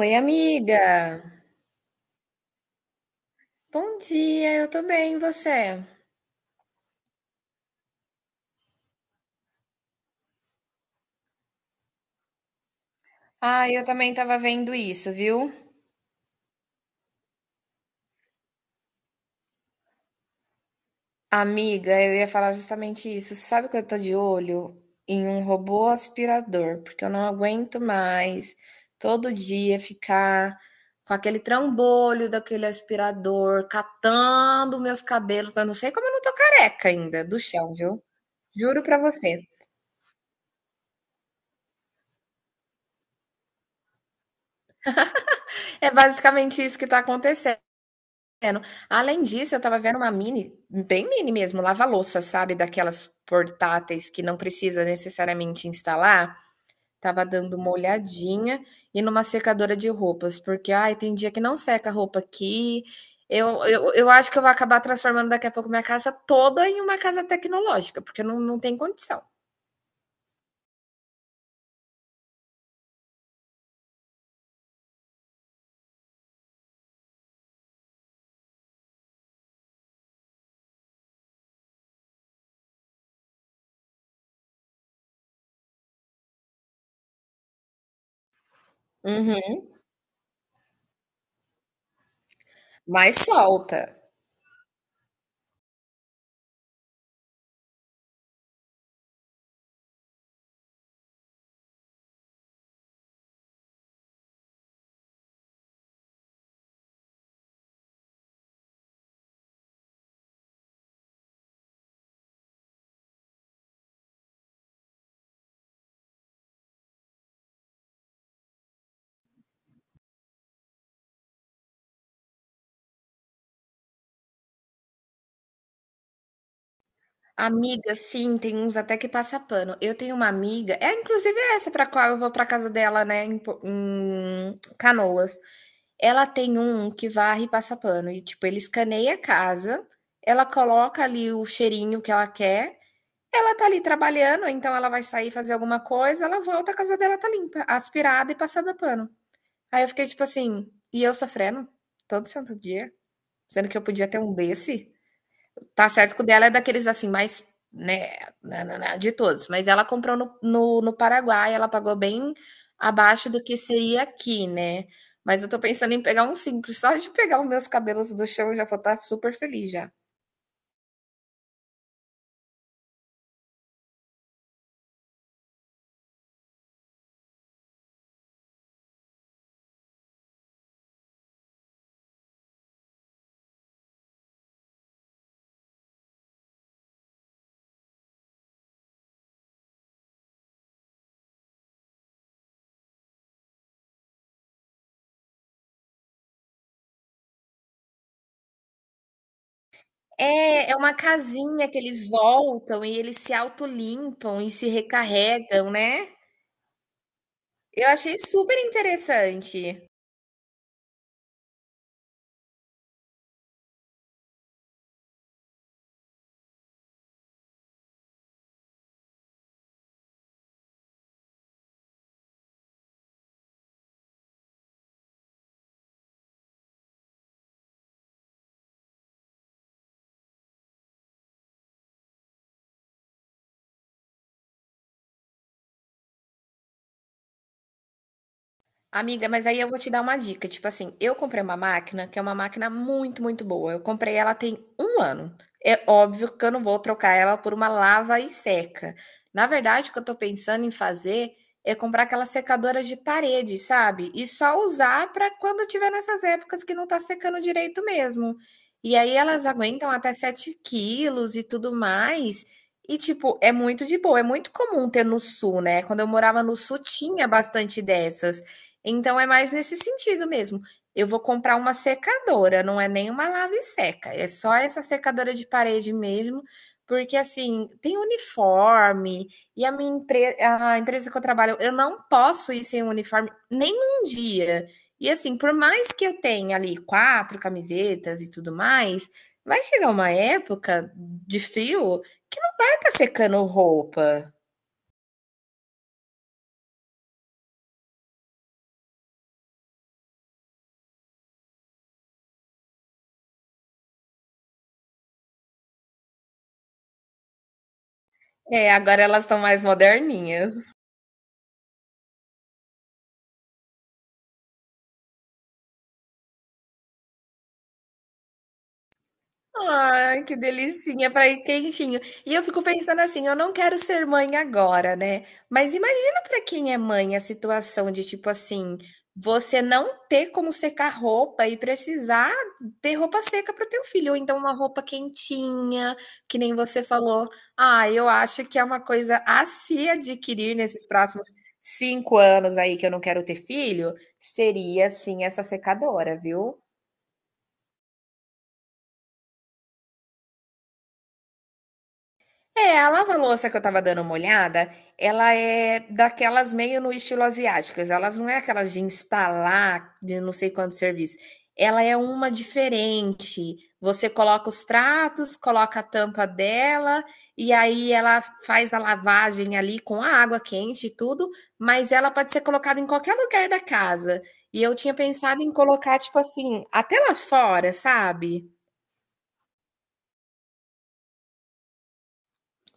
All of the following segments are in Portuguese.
Oi, amiga! Bom dia, eu tô bem, e você? Ah, eu também tava vendo isso, viu? Amiga, eu ia falar justamente isso. Sabe que eu tô de olho em um robô aspirador, porque eu não aguento mais todo dia ficar com aquele trambolho daquele aspirador, catando meus cabelos, que eu não sei como eu não tô careca ainda do chão, viu? Juro pra você. É basicamente isso que tá acontecendo. Vendo. Além disso, eu tava vendo uma mini, bem mini mesmo, lava-louça, sabe? Daquelas portáteis que não precisa necessariamente instalar. Tava dando uma olhadinha e numa secadora de roupas, porque ai, tem dia que não seca a roupa aqui. Eu acho que eu vou acabar transformando daqui a pouco minha casa toda em uma casa tecnológica, porque não tem condição. Uhum. Mas solta. Amiga, sim, tem uns até que passa pano. Eu tenho uma amiga, é inclusive essa pra qual eu vou pra casa dela, né, em, em Canoas. Ela tem um que varre e passa pano e tipo, ele escaneia a casa, ela coloca ali o cheirinho que ela quer. Ela tá ali trabalhando, então ela vai sair fazer alguma coisa, ela volta, a casa dela tá limpa, aspirada e passada pano. Aí eu fiquei tipo assim, e eu sofrendo todo santo dia, sendo que eu podia ter um desse. Tá certo que o dela é daqueles, assim, mais, né, na de todos, mas ela comprou no Paraguai, ela pagou bem abaixo do que seria aqui, né. Mas eu tô pensando em pegar um simples, só de pegar os meus cabelos do chão eu já vou estar super feliz já. É, é uma casinha que eles voltam e eles se autolimpam e se recarregam, né. Eu achei super interessante. Amiga, mas aí eu vou te dar uma dica. Tipo assim, eu comprei uma máquina que é uma máquina muito, muito boa. Eu comprei ela tem um ano. É óbvio que eu não vou trocar ela por uma lava e seca. Na verdade, o que eu tô pensando em fazer é comprar aquela secadora de parede, sabe? E só usar para quando tiver nessas épocas que não tá secando direito mesmo. E aí elas aguentam até 7 kg e tudo mais. E, tipo, é muito de boa. É muito comum ter no sul, né? Quando eu morava no sul, tinha bastante dessas. Então é mais nesse sentido mesmo. Eu vou comprar uma secadora, não é nem uma lave-seca, é só essa secadora de parede mesmo, porque assim, tem uniforme e a minha empresa, a empresa que eu trabalho, eu não posso ir sem uniforme nem um dia. E assim, por mais que eu tenha ali quatro camisetas e tudo mais, vai chegar uma época de frio que não vai estar secando roupa. É, agora elas estão mais moderninhas. Ai, que delicinha para ir quentinho. E eu fico pensando assim, eu não quero ser mãe agora, né? Mas imagina para quem é mãe a situação de tipo assim, você não ter como secar roupa e precisar ter roupa seca para o teu filho, ou então uma roupa quentinha, que nem você falou. Ah, eu acho que é uma coisa a se adquirir nesses próximos 5 anos aí que eu não quero ter filho, seria sim essa secadora, viu? É, a lava-louça que eu tava dando uma olhada, ela é daquelas meio no estilo asiáticas. Elas não é aquelas de instalar de não sei quanto serviço. Ela é uma diferente. Você coloca os pratos, coloca a tampa dela, e aí ela faz a lavagem ali com a água quente e tudo, mas ela pode ser colocada em qualquer lugar da casa. E eu tinha pensado em colocar, tipo assim, até lá fora, sabe?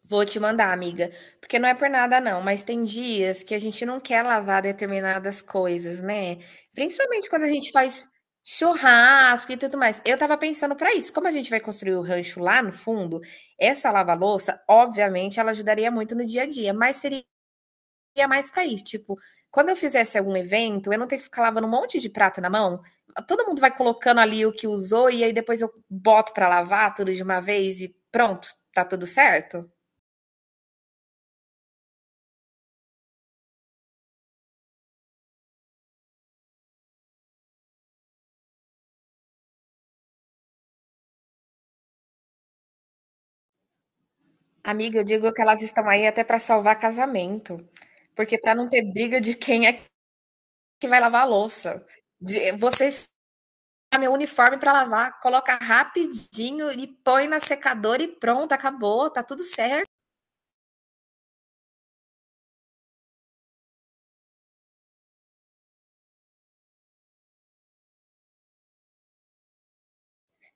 Vou te mandar, amiga, porque não é por nada não, mas tem dias que a gente não quer lavar determinadas coisas, né? Principalmente quando a gente faz churrasco e tudo mais. Eu tava pensando pra isso, como a gente vai construir o rancho lá no fundo, essa lava-louça, obviamente, ela ajudaria muito no dia a dia, mas seria mais pra isso, tipo, quando eu fizesse algum evento, eu não ter que ficar lavando um monte de prato na mão. Todo mundo vai colocando ali o que usou e aí depois eu boto pra lavar tudo de uma vez e pronto, tá tudo certo? Amiga, eu digo que elas estão aí até para salvar casamento, porque para não ter briga de quem é que vai lavar a louça. De, você está meu uniforme para lavar, coloca rapidinho e põe na secadora e pronto, acabou, tá tudo certo.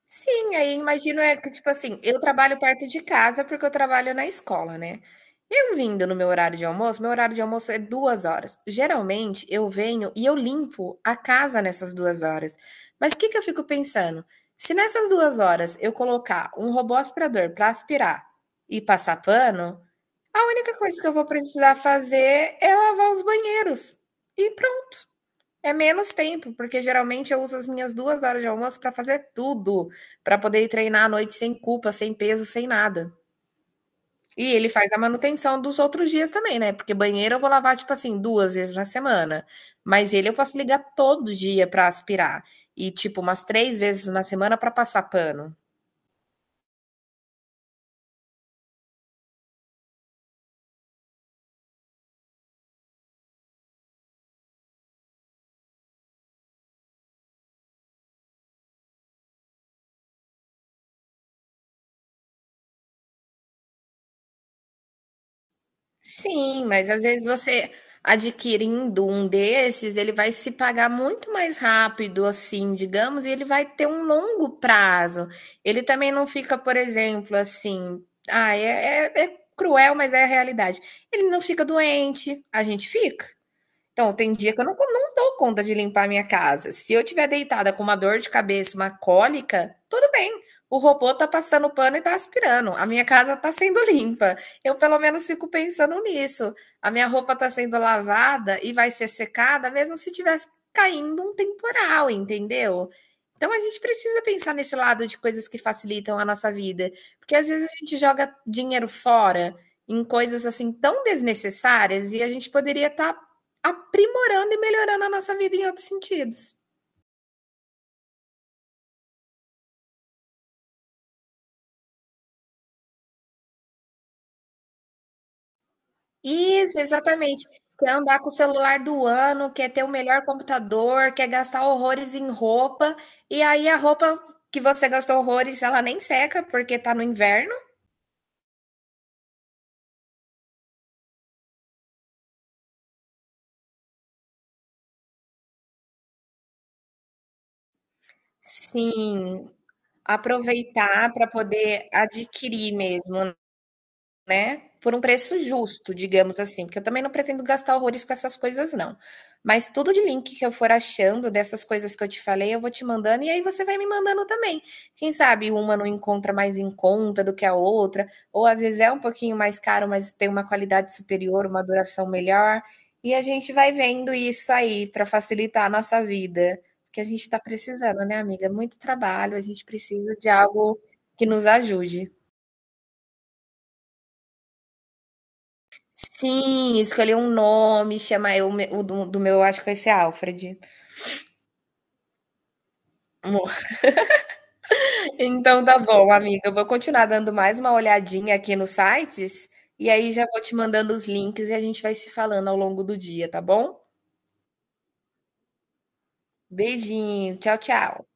Sim, aí imagino é que, tipo assim, eu trabalho perto de casa porque eu trabalho na escola, né. Eu vindo no meu horário de almoço, meu horário de almoço é 2 horas. Geralmente eu venho e eu limpo a casa nessas 2 horas. Mas o que que eu fico pensando, se nessas 2 horas eu colocar um robô aspirador para aspirar e passar pano, a única coisa que eu vou precisar fazer é lavar os banheiros, e é menos tempo, porque geralmente eu uso as minhas 2 horas de almoço para fazer tudo, para poder ir treinar à noite sem culpa, sem peso, sem nada. E ele faz a manutenção dos outros dias também, né? Porque banheiro eu vou lavar, tipo assim, duas vezes na semana. Mas ele eu posso ligar todo dia para aspirar. E, tipo, umas três vezes na semana para passar pano. Sim, mas às vezes você adquirindo um desses, ele vai se pagar muito mais rápido, assim, digamos, e ele vai ter um longo prazo. Ele também não fica, por exemplo, assim, ah, é cruel, mas é a realidade. Ele não fica doente, a gente fica. Então, tem dia que eu não, não dou conta de limpar a minha casa. Se eu tiver deitada com uma dor de cabeça, uma cólica, tudo bem. O robô tá passando pano e tá aspirando. A minha casa tá sendo limpa. Eu pelo menos fico pensando nisso. A minha roupa tá sendo lavada e vai ser secada, mesmo se tivesse caindo um temporal, entendeu? Então a gente precisa pensar nesse lado de coisas que facilitam a nossa vida, porque às vezes a gente joga dinheiro fora em coisas assim tão desnecessárias e a gente poderia estar aprimorando e melhorando a nossa vida em outros sentidos. Isso, exatamente. Quer andar com o celular do ano, quer ter o melhor computador, quer gastar horrores em roupa, e aí a roupa que você gastou horrores, ela nem seca porque tá no inverno. Sim, aproveitar para poder adquirir mesmo. Né, por um preço justo, digamos assim, porque eu também não pretendo gastar horrores com essas coisas não. Mas tudo de link que eu for achando dessas coisas que eu te falei, eu vou te mandando e aí você vai me mandando também. Quem sabe uma não encontra mais em conta do que a outra, ou às vezes é um pouquinho mais caro, mas tem uma qualidade superior, uma duração melhor, e a gente vai vendo isso aí para facilitar a nossa vida, porque a gente está precisando, né, amiga? Muito trabalho, a gente precisa de algo que nos ajude. Sim, escolher um nome, chamar eu me o do meu acho que vai ser Alfred. Amor. Então tá bom, amiga, eu vou continuar dando mais uma olhadinha aqui nos sites, e aí já vou te mandando os links e a gente vai se falando ao longo do dia, tá bom? Beijinho, tchau, tchau.